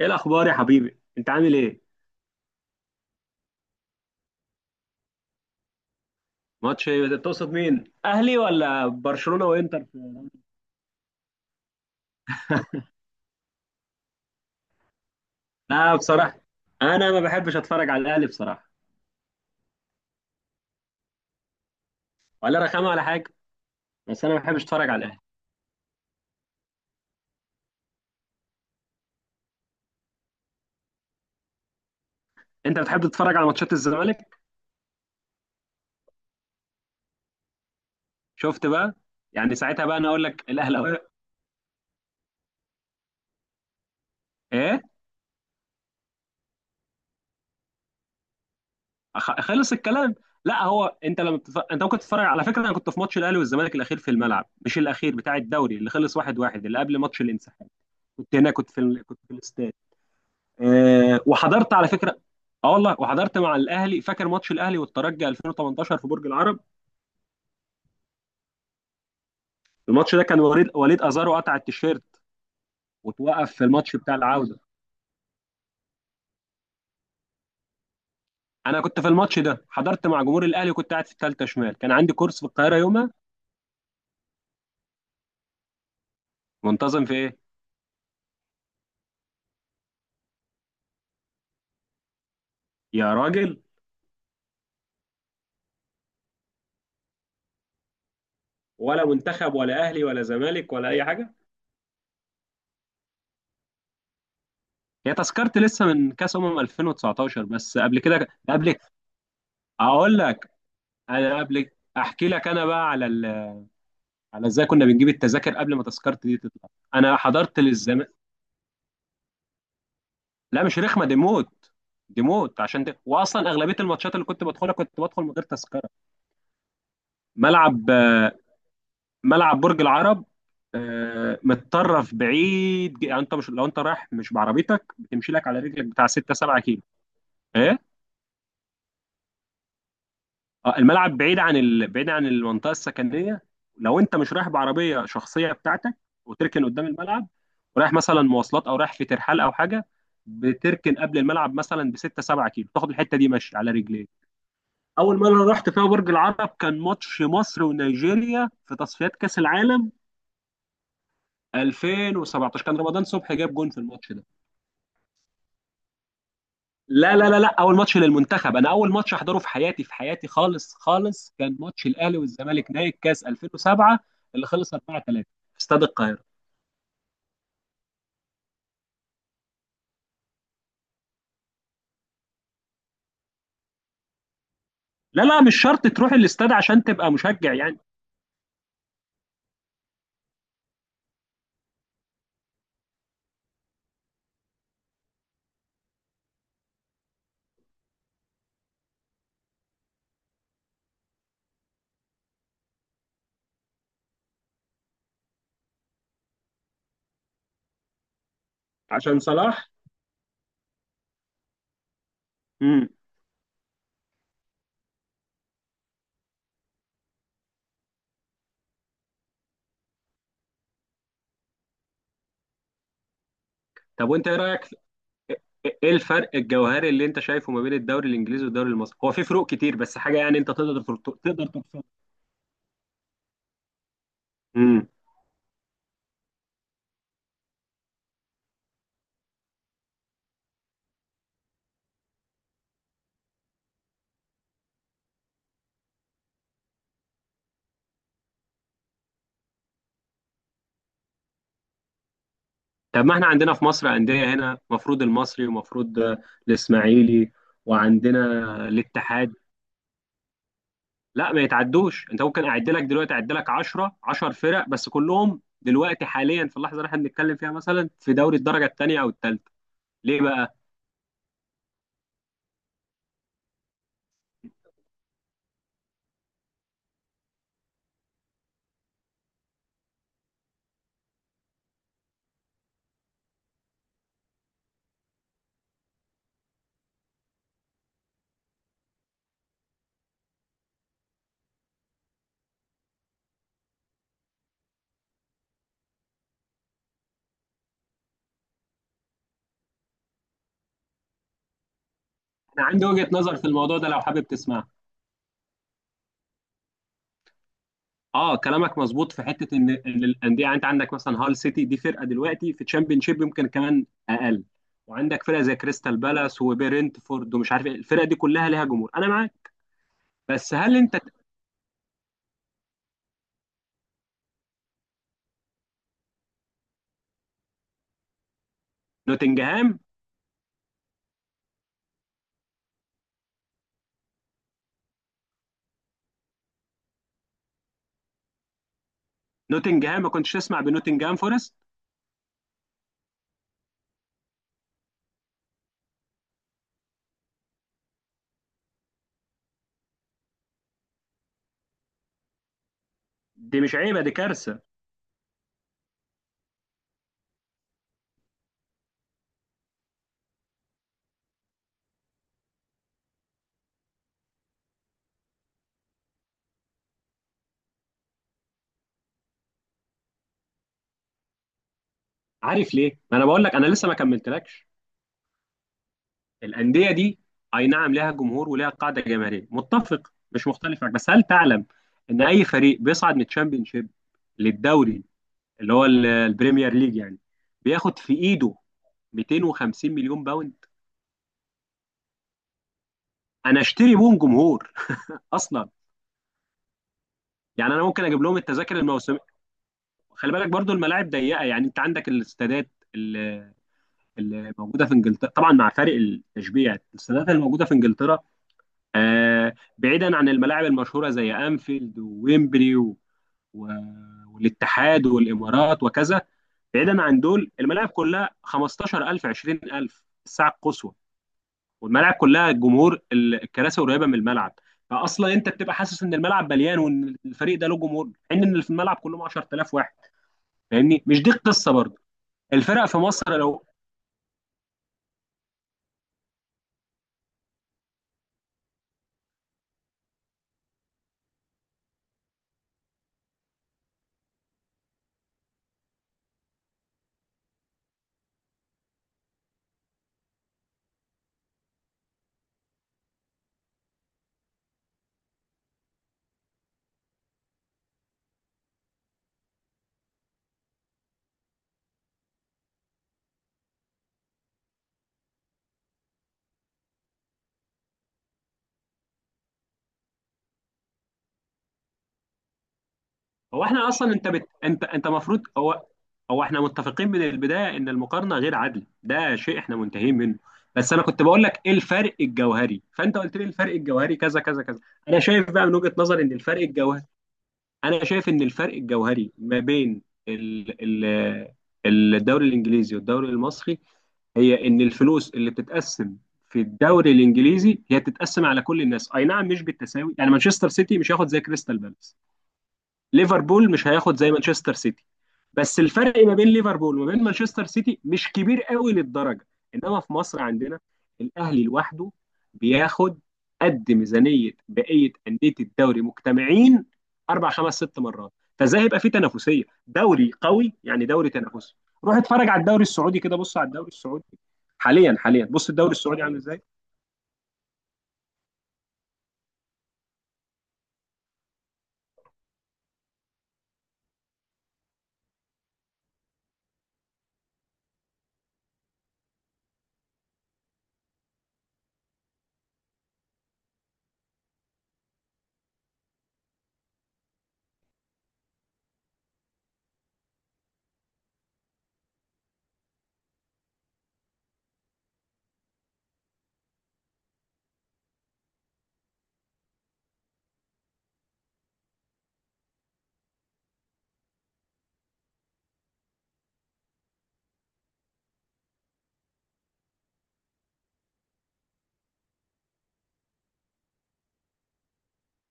ايه الاخبار يا حبيبي، انت عامل ايه؟ ماتش إيه؟ تقصد مين، اهلي ولا برشلونه وانتر لا بصراحه، انا ما بحبش اتفرج على الاهلي بصراحه. ولا رخامه ولا حاجه، بس انا ما بحبش اتفرج على الاهلي. انت بتحب تتفرج على ماتشات الزمالك؟ شفت بقى. يعني ساعتها بقى انا اقول لك الاهلاويه. ايه؟ خلص الكلام. لا هو انت انت ممكن تتفرج. على فكره، انا كنت في ماتش الاهلي والزمالك الاخير في الملعب، مش الاخير بتاع الدوري اللي خلص 1-1، اللي قبل ماتش الانسحاب. كنت هناك، كنت كنت في الاستاد. آه، وحضرت على فكره. اه والله، وحضرت مع الاهلي. فاكر ماتش الاهلي والترجي 2018 في برج العرب؟ الماتش ده كان وليد ازارو قطع التيشيرت وتوقف في الماتش بتاع العوده. انا كنت في الماتش ده، حضرت مع جمهور الاهلي وكنت قاعد في الثالثه شمال، كان عندي كورس في القاهره يومها. منتظم في ايه؟ يا راجل. ولا منتخب ولا اهلي ولا زمالك ولا اي حاجه. هي تذكرتي لسه من كاس 2019، بس قبل كده قبل. اقول لك، انا قبل، احكي لك، انا بقى على ال، على ازاي كنا بنجيب التذاكر قبل ما تذكرتي دي تطلع. انا حضرت للزمان. لا مش رخمه، دي موت. دي موت، عشان واصلا اغلبيه الماتشات اللي كنت بدخلها كنت بدخل من غير تذكره. ملعب آه، ملعب برج العرب. متطرف بعيد، يعني انت مش لو انت رايح مش بعربيتك بتمشي لك على رجلك بتاع 6 7 كيلو. ايه؟ اه الملعب بعيد بعيد عن المنطقه السكنيه، لو انت مش رايح بعربيه شخصيه بتاعتك وتركن قدام الملعب، ورايح مثلا مواصلات او رايح في ترحال او حاجه، بتركن قبل الملعب مثلا ب 6 7 كيلو، تاخد الحته دي ماشي على رجليك. اول مره رحت فيها برج العرب كان ماتش مصر ونيجيريا في تصفيات كاس العالم 2017، كان رمضان صبحي جاب جون في الماتش ده. لا لا لا لا، اول ماتش للمنتخب. انا اول ماتش احضره في حياتي، في حياتي خالص خالص، كان ماتش الاهلي والزمالك نهائي الكاس 2007 اللي خلص 4-3 في استاد القاهره. لا لا مش شرط تروح الاستاد عشان تبقى مشجع يعني. عشان صلاح. امم طب وانت ايه رايك ايه الفرق الجوهري اللي انت شايفه ما بين الدوري الانجليزي والدوري المصري؟ هو في فروق كتير بس حاجه يعني انت تقدر ترصدها. امم طب ما احنا عندنا في مصر انديه هنا، مفروض المصري، ومفروض الاسماعيلي، وعندنا الاتحاد. لا ما يتعدوش، انت ممكن اعد لك دلوقتي، اعد لك 10 10 فرق، بس كلهم دلوقتي حاليا في اللحظه اللي احنا بنتكلم فيها مثلا في دوري الدرجه الثانيه او الثالثه. ليه بقى؟ انا عندي وجهه نظر في الموضوع ده لو حابب تسمعها. اه كلامك مظبوط في حته إن الانديه، يعني انت عندك مثلا هال سيتي، دي فرقه دلوقتي في تشامبيون شيب يمكن كمان اقل، وعندك فرقه زي كريستال بالاس وبرنتفورد ومش عارف ايه، الفرقه دي كلها ليها جمهور، انا معاك. بس هل انت. نوتنجهام. نوتنجهام ما كنتش تسمع بنوتنجهام فورست؟ دي مش عيبه، دي كارثه. عارف ليه؟ ما انا بقول لك انا لسه ما كملتلكش. الانديه دي اي نعم لها جمهور ولها قاعده جماهيريه، متفق مش مختلف معك، بس هل تعلم ان اي فريق بيصعد من الشامبيونشيب للدوري، اللي هو البريمير ليج يعني، بياخد في ايده 250 مليون باوند؟ انا اشتري بهم جمهور اصلا. يعني انا ممكن اجيب لهم التذاكر الموسميه. خلي بالك برضو الملاعب ضيقه، يعني انت عندك الاستادات اللي موجوده في انجلترا، طبعا مع فارق التشبيه، يعني الاستادات اللي موجوده في انجلترا، بعيدا عن الملاعب المشهورة زي أنفيلد وويمبلي و... والاتحاد والإمارات وكذا. بعيدا عن دول الملاعب كلها 15000 20000 الساعة القصوى، والملاعب كلها جمهور، الكراسي قريبة من الملعب. فأصلا أنت بتبقى حاسس إن الملعب مليان وإن الفريق ده له جمهور، حين إن اللي في الملعب كلهم 10000 واحد. فاهمني؟ مش دي القصة برضه. الفرق في مصر لو، هو احنا اصلا انت المفروض، هو هو احنا متفقين من البدايه ان المقارنه غير عادله، ده شيء احنا منتهين منه. بس انا كنت بقول لك ايه الفرق الجوهري فانت قلت لي الفرق الجوهري كذا كذا كذا. انا شايف بقى من وجهه نظري ان الفرق الجوهري، انا شايف ان الفرق الجوهري ما بين ال... الدوري الانجليزي والدوري المصري، هي ان الفلوس اللي بتتقسم في الدوري الانجليزي هي بتتقسم على كل الناس، اي نعم مش بالتساوي، يعني مانشستر سيتي مش هياخد زي كريستال بالاس، ليفربول مش هياخد زي مانشستر سيتي، بس الفرق ما بين ليفربول وما بين مانشستر سيتي مش كبير قوي للدرجه. انما في مصر عندنا الاهلي لوحده بياخد قد ميزانيه بقيه انديه الدوري مجتمعين اربع خمس ست مرات. فازاي هيبقى في تنافسيه دوري قوي، يعني دوري تنافسي؟ روح اتفرج على الدوري السعودي كده، بص على الدوري السعودي حاليا حاليا، بص الدوري السعودي عامل ازاي.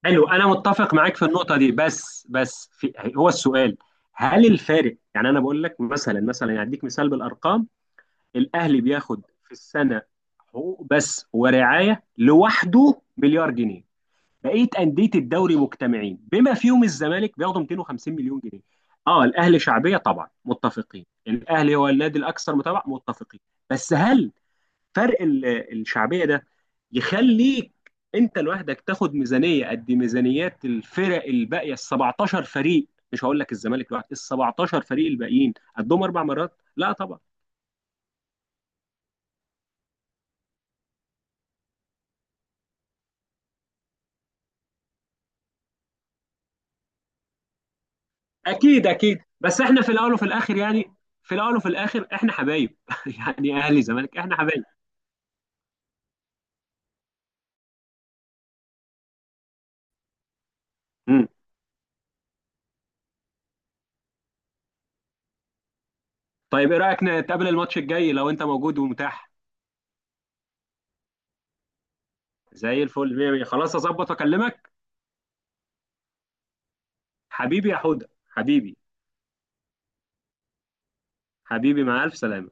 حلو، انا متفق معاك في النقطه دي، بس في هو السؤال، هل الفارق، يعني انا بقول لك مثلا، مثلا يعني اديك مثال بالارقام. الاهلي بياخد في السنه حقوق بس ورعايه لوحده مليار جنيه. بقيه انديه الدوري مجتمعين بما فيهم الزمالك بياخدوا 250 مليون جنيه. اه الاهلي شعبيه طبعا متفقين، الاهلي هو النادي الاكثر متابعه متفقين، بس هل فرق ال- الشعبيه ده يخليك انت لوحدك تاخد ميزانيه قد ميزانيات الفرق الباقيه ال 17 فريق؟ مش هقول لك الزمالك لوحده، ال 17 فريق الباقيين قدهم اربع مرات، لا طبعا. اكيد اكيد، بس احنا في الاول وفي الاخر يعني، في الاول وفي الاخر احنا حبايب يعني اهلي زمالك احنا حبايب. مم. طيب ايه رايك نتقابل الماتش الجاي لو انت موجود ومتاح؟ زي الفل، مية مية، خلاص اظبط واكلمك. حبيبي يا حوده حبيبي. حبيبي مع الف سلامه.